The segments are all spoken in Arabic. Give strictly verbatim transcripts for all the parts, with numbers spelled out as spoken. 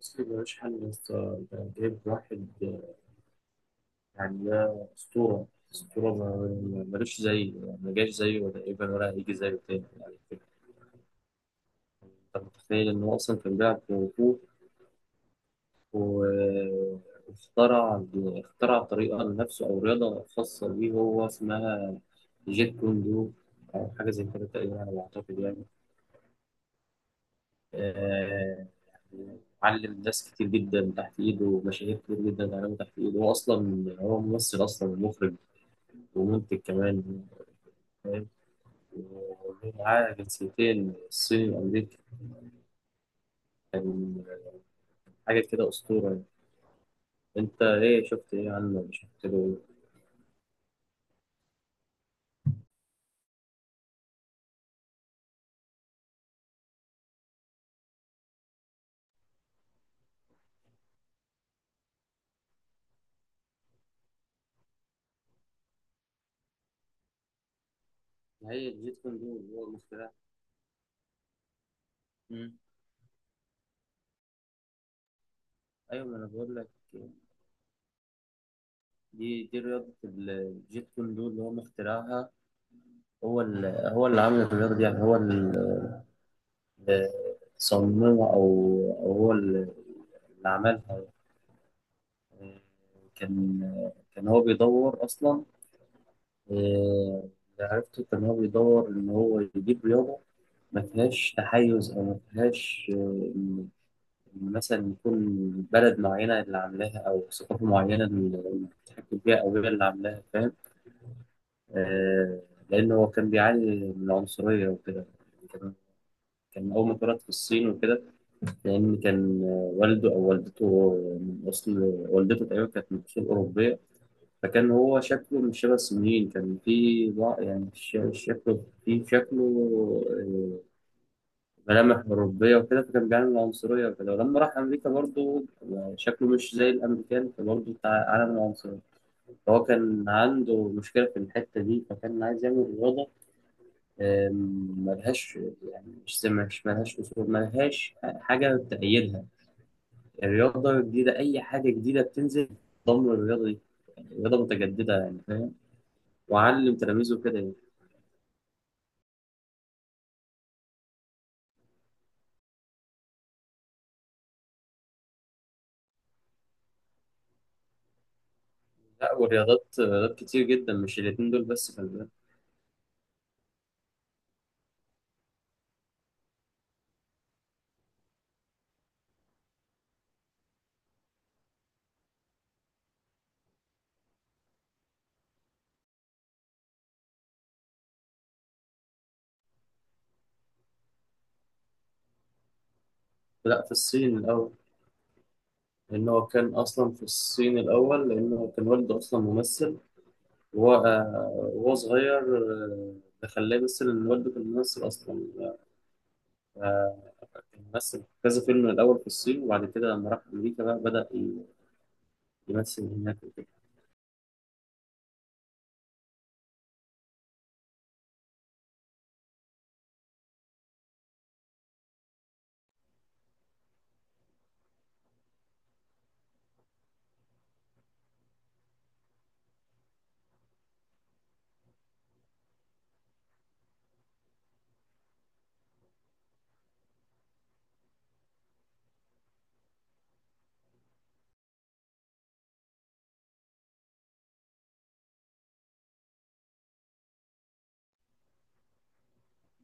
بس يبقى شحن يا اسطى، ده جايب واحد آه، يعني ده أسطورة. أسطورة ما- ملوش زيه، يعني ما جاش زيه ولا إيه ولا هيجي زيه تاني يعني. أنت متخيل إن هو أصلا كان بيلعب كونغ فو و- واخترع اخترع طريقة لنفسه أو رياضة خاصة بيه، هو اسمها جيت كوندو، أو حاجة زي كده تقريبا على ما أعتقد يعني. آه، يعني علم ناس كتير جدا تحت إيده، ومشاهير كتير جدا اتعلموا تحت إيده. هو أصلا هو ممثل أصلا ومخرج ومنتج كمان، فاهم؟ ومعاه جنسيتين، الصيني وأمريكي. كان حاجة كده أسطورة يعني. أنت إيه شفت إيه عنه، ولا شفت له؟ إيه؟ هي الجيت كوندو اللي هو مخترع. مم. أيوة، ما أنا بقول لك. دي دي رياضة الجيت كوندو اللي هو مخترعها، هو اللي هو اللي عامل الرياضة دي، يعني هو اللي اللي صممها، أو أو هو اللي اللي عملها يعني. كان كان هو بيدور أصلا، آه، اللي عرفته كان هو بيدور إن هو يجيب رياضة ما فيهاش تحيز، أو ما فيهاش آه، إن إن مثلا يكون بلد معينة اللي عاملاها، أو ثقافة معينة اللي بتحكم فيها، أو هي اللي عاملاها، فاهم؟ آه، لأن هو كان بيعاني من العنصرية وكده. كان كان أول ما اتولد في الصين وكده، لأن كان آه، والده أو والدته من أصل، والدته تقريبا كانت من أصول أوروبية. فكان هو شكله مش شبه الصينيين، كان فيه ضع- يعني ش- شكله فيه شكله آه، ملامح أوروبية وكده. فكان بيعمل عنصرية وكده، ولما راح أمريكا برضه شكله مش زي الأمريكان، فبرضه بتاع عالم العنصرية. فهو كان عنده مشكلة في الحتة دي، فكان عايز يعمل رياضة آم، ملهاش، يعني مش زي- مش ملهاش أصول، ملهاش حاجة تأيدها. الرياضة جديدة، أي حاجة جديدة بتنزل ضمن الرياضة دي، يعني رياضة متجددة يعني، فاهم؟ وعلم تلاميذه كده يعني. لا، ورياضات رياضات كتير جدا، مش الاتنين دول بس، خلي بالك. لا، في الصين الأول، لأن هو كان أصلا في الصين الأول، لأن هو كان والده أصلا ممثل. وهو آه، وهو صغير، آه، ده خلاه يمثل، إن والده كان ممثل أصلا. آه، كان ممثل في كذا فيلم الأول في الصين، وبعد كده لما راح أمريكا بقى بدأ ي- يمثل هناك وكده.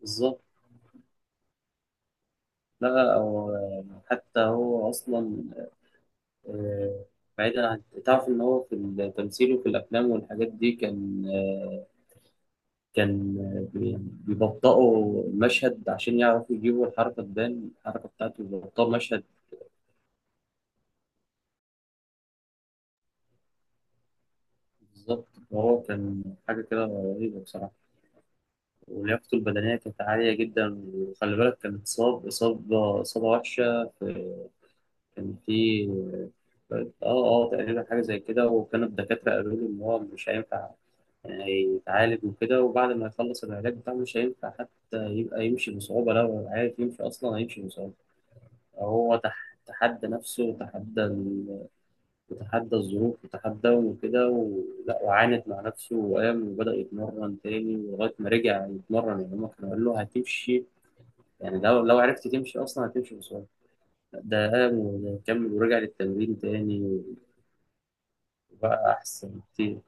بالظبط. لا أو آه، حتى هو أصلا آه، بعيدا عن تعرف إن هو في التمثيل وفي الأفلام والحاجات دي، كان آه، كان بي- بيبطئوا المشهد عشان يعرفوا يجيبوا الحركة، تبان الحركة بتاعته، بيبطئوا المشهد. بالظبط، وهو كان حاجة كده رهيبة بصراحة. ولياقته البدنية كانت عالية جدا. وخلي بالك، كان اتصاب إصابة إصابة وحشة في، كان في اه اه تقريبا حاجة زي كده. وكان الدكاترة قالوا له إن هو مش هينفع، يعني هيتعالج وكده، وبعد ما يخلص العلاج بتاعه مش هينفع حتى يبقى يمشي بصعوبة، لو عارف يمشي أصلا، هيمشي بصعوبة. هو تح- تحدى نفسه، وتحدى ال... وتحدى الظروف، وتحدى وكده، ولا وعاند مع نفسه، وقام وبدأ يتمرن تاني لغاية ما رجع يتمرن. يعني هما كانوا قالوا له هتمشي، يعني لو لو عرفت تمشي أصلا هتمشي بسرعة. ده قام وكمل، ورجع للتمرين تاني، وبقى أحسن كتير.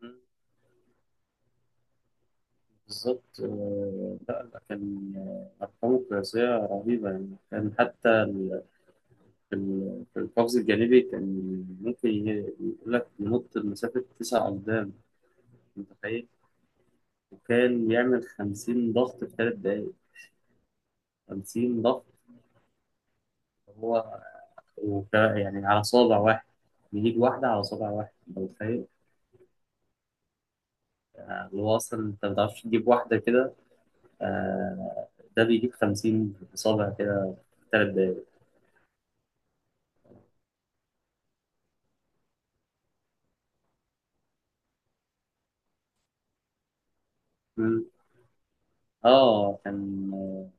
مم. بالظبط. آه، لا لا، كان آه، أرقامه قياسية رهيبة يعني. كان حتى في ال- في القفز الجانبي، كان ممكن ي- يقول لك ينط لمسافة تسع أقدام، متخيل؟ وكان يعمل خمسين ضغط في ثلاث دقايق، خمسين ضغط، هو وك- يعني على صابع واحد، بيجيب واحدة على صابع واحد، أنت متخيل؟ آه، اللي هو أصلا أنت ما بتعرفش تجيب واحدة كده، آه، ده بيجيب خمسين صابع كده في ثلاث دقايق. مم. آه، كان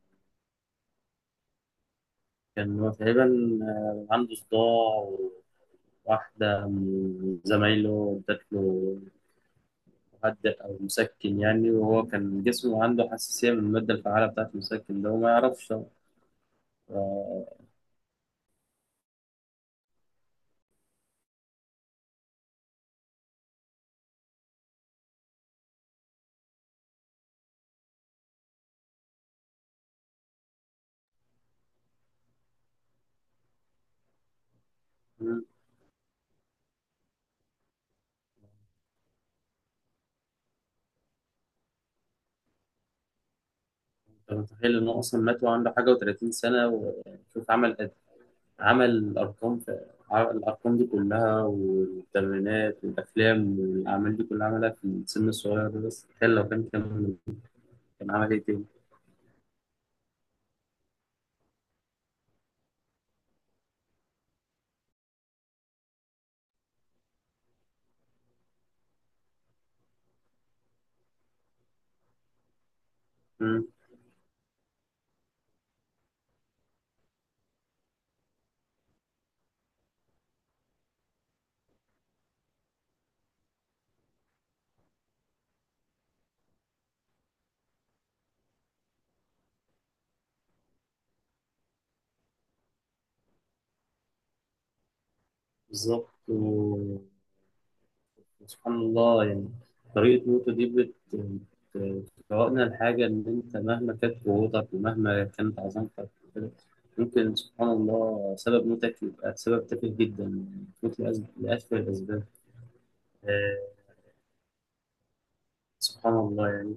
كان هو تقريبا آه، عنده صداع. واحدة من زمايله ادت له مهدئ أو مسكن يعني، وهو كان جسمه عنده حساسية من المادة الفعالة بتاعة المسكن ده وما يعرفش. آه، مم. أنت متخيل إنه أصلا مات وعنده حاجة وتلاتين سنة، وشوف عمل قد- عمل الأرقام في، عمل الأرقام دي كلها والتمرينات والأفلام والأعمال دي كلها، عملها في السن الصغير ده. بس تخيل لو كان كان كان عمل إيه تاني. مم. بالظبط، سبحان الله يعني. طريقة نوتو دي بت- بتفوقنا الحاجة، إن أنت مهما كانت قوتك ومهما كانت عظمتك وكده، ممكن سبحان الله سبب موتك يبقى سبب تافه جدا. يعني تموت لأس- لأسفل الأسباب. آه، سبحان الله يعني.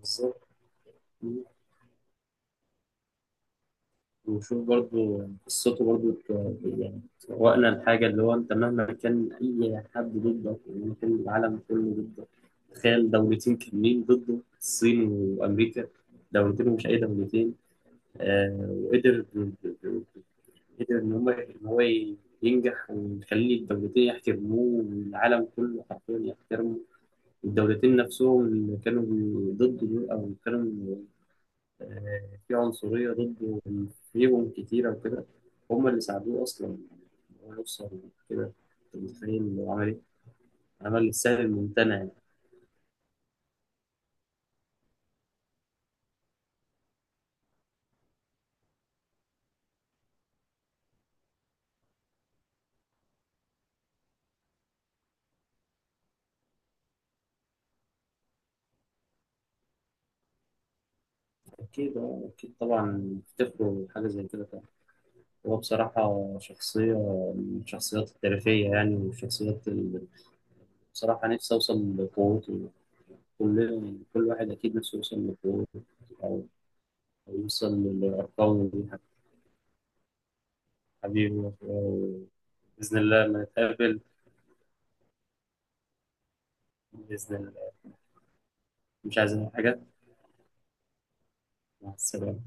بالظبط. وشوف برضو قصته برضو ت- يعني تفوقنا الحاجة، اللي هو أنت مهما كان أي حد ضدك، ومهما كان العالم كله ضدك. تخيل دولتين كاملين ضده، الصين وأمريكا، دولتين، ومش أي دولتين. آه، وقدر قدر إن هو إن هو ينجح، ويخلي الدولتين يحترموه، والعالم كله حرفيا يحترمه. والدولتين نفسهم اللي كانوا ضده دول، أو كانوا آه، في عنصرية ضده فيهم كتيرة وكده، هم اللي ساعدوه أصلا إن هو يوصل كده. أنت متخيل هو عمل إيه؟ عمل السهل الممتنع يعني. أكيد آه، أكيد طبعا افتكروا حاجة زي كده طبعا. هو بصراحة شخصية من الشخصيات التاريخية يعني، والشخصيات اللي بصراحة نفسي أوصل لقوته. كل كل واحد أكيد نفسه يوصل لقوته، أو أو يوصل لأرقامه دي. حبيبي، آه، بإذن الله لما نتقابل. بإذن الله. مش عايزين حاجة. مع السلامة.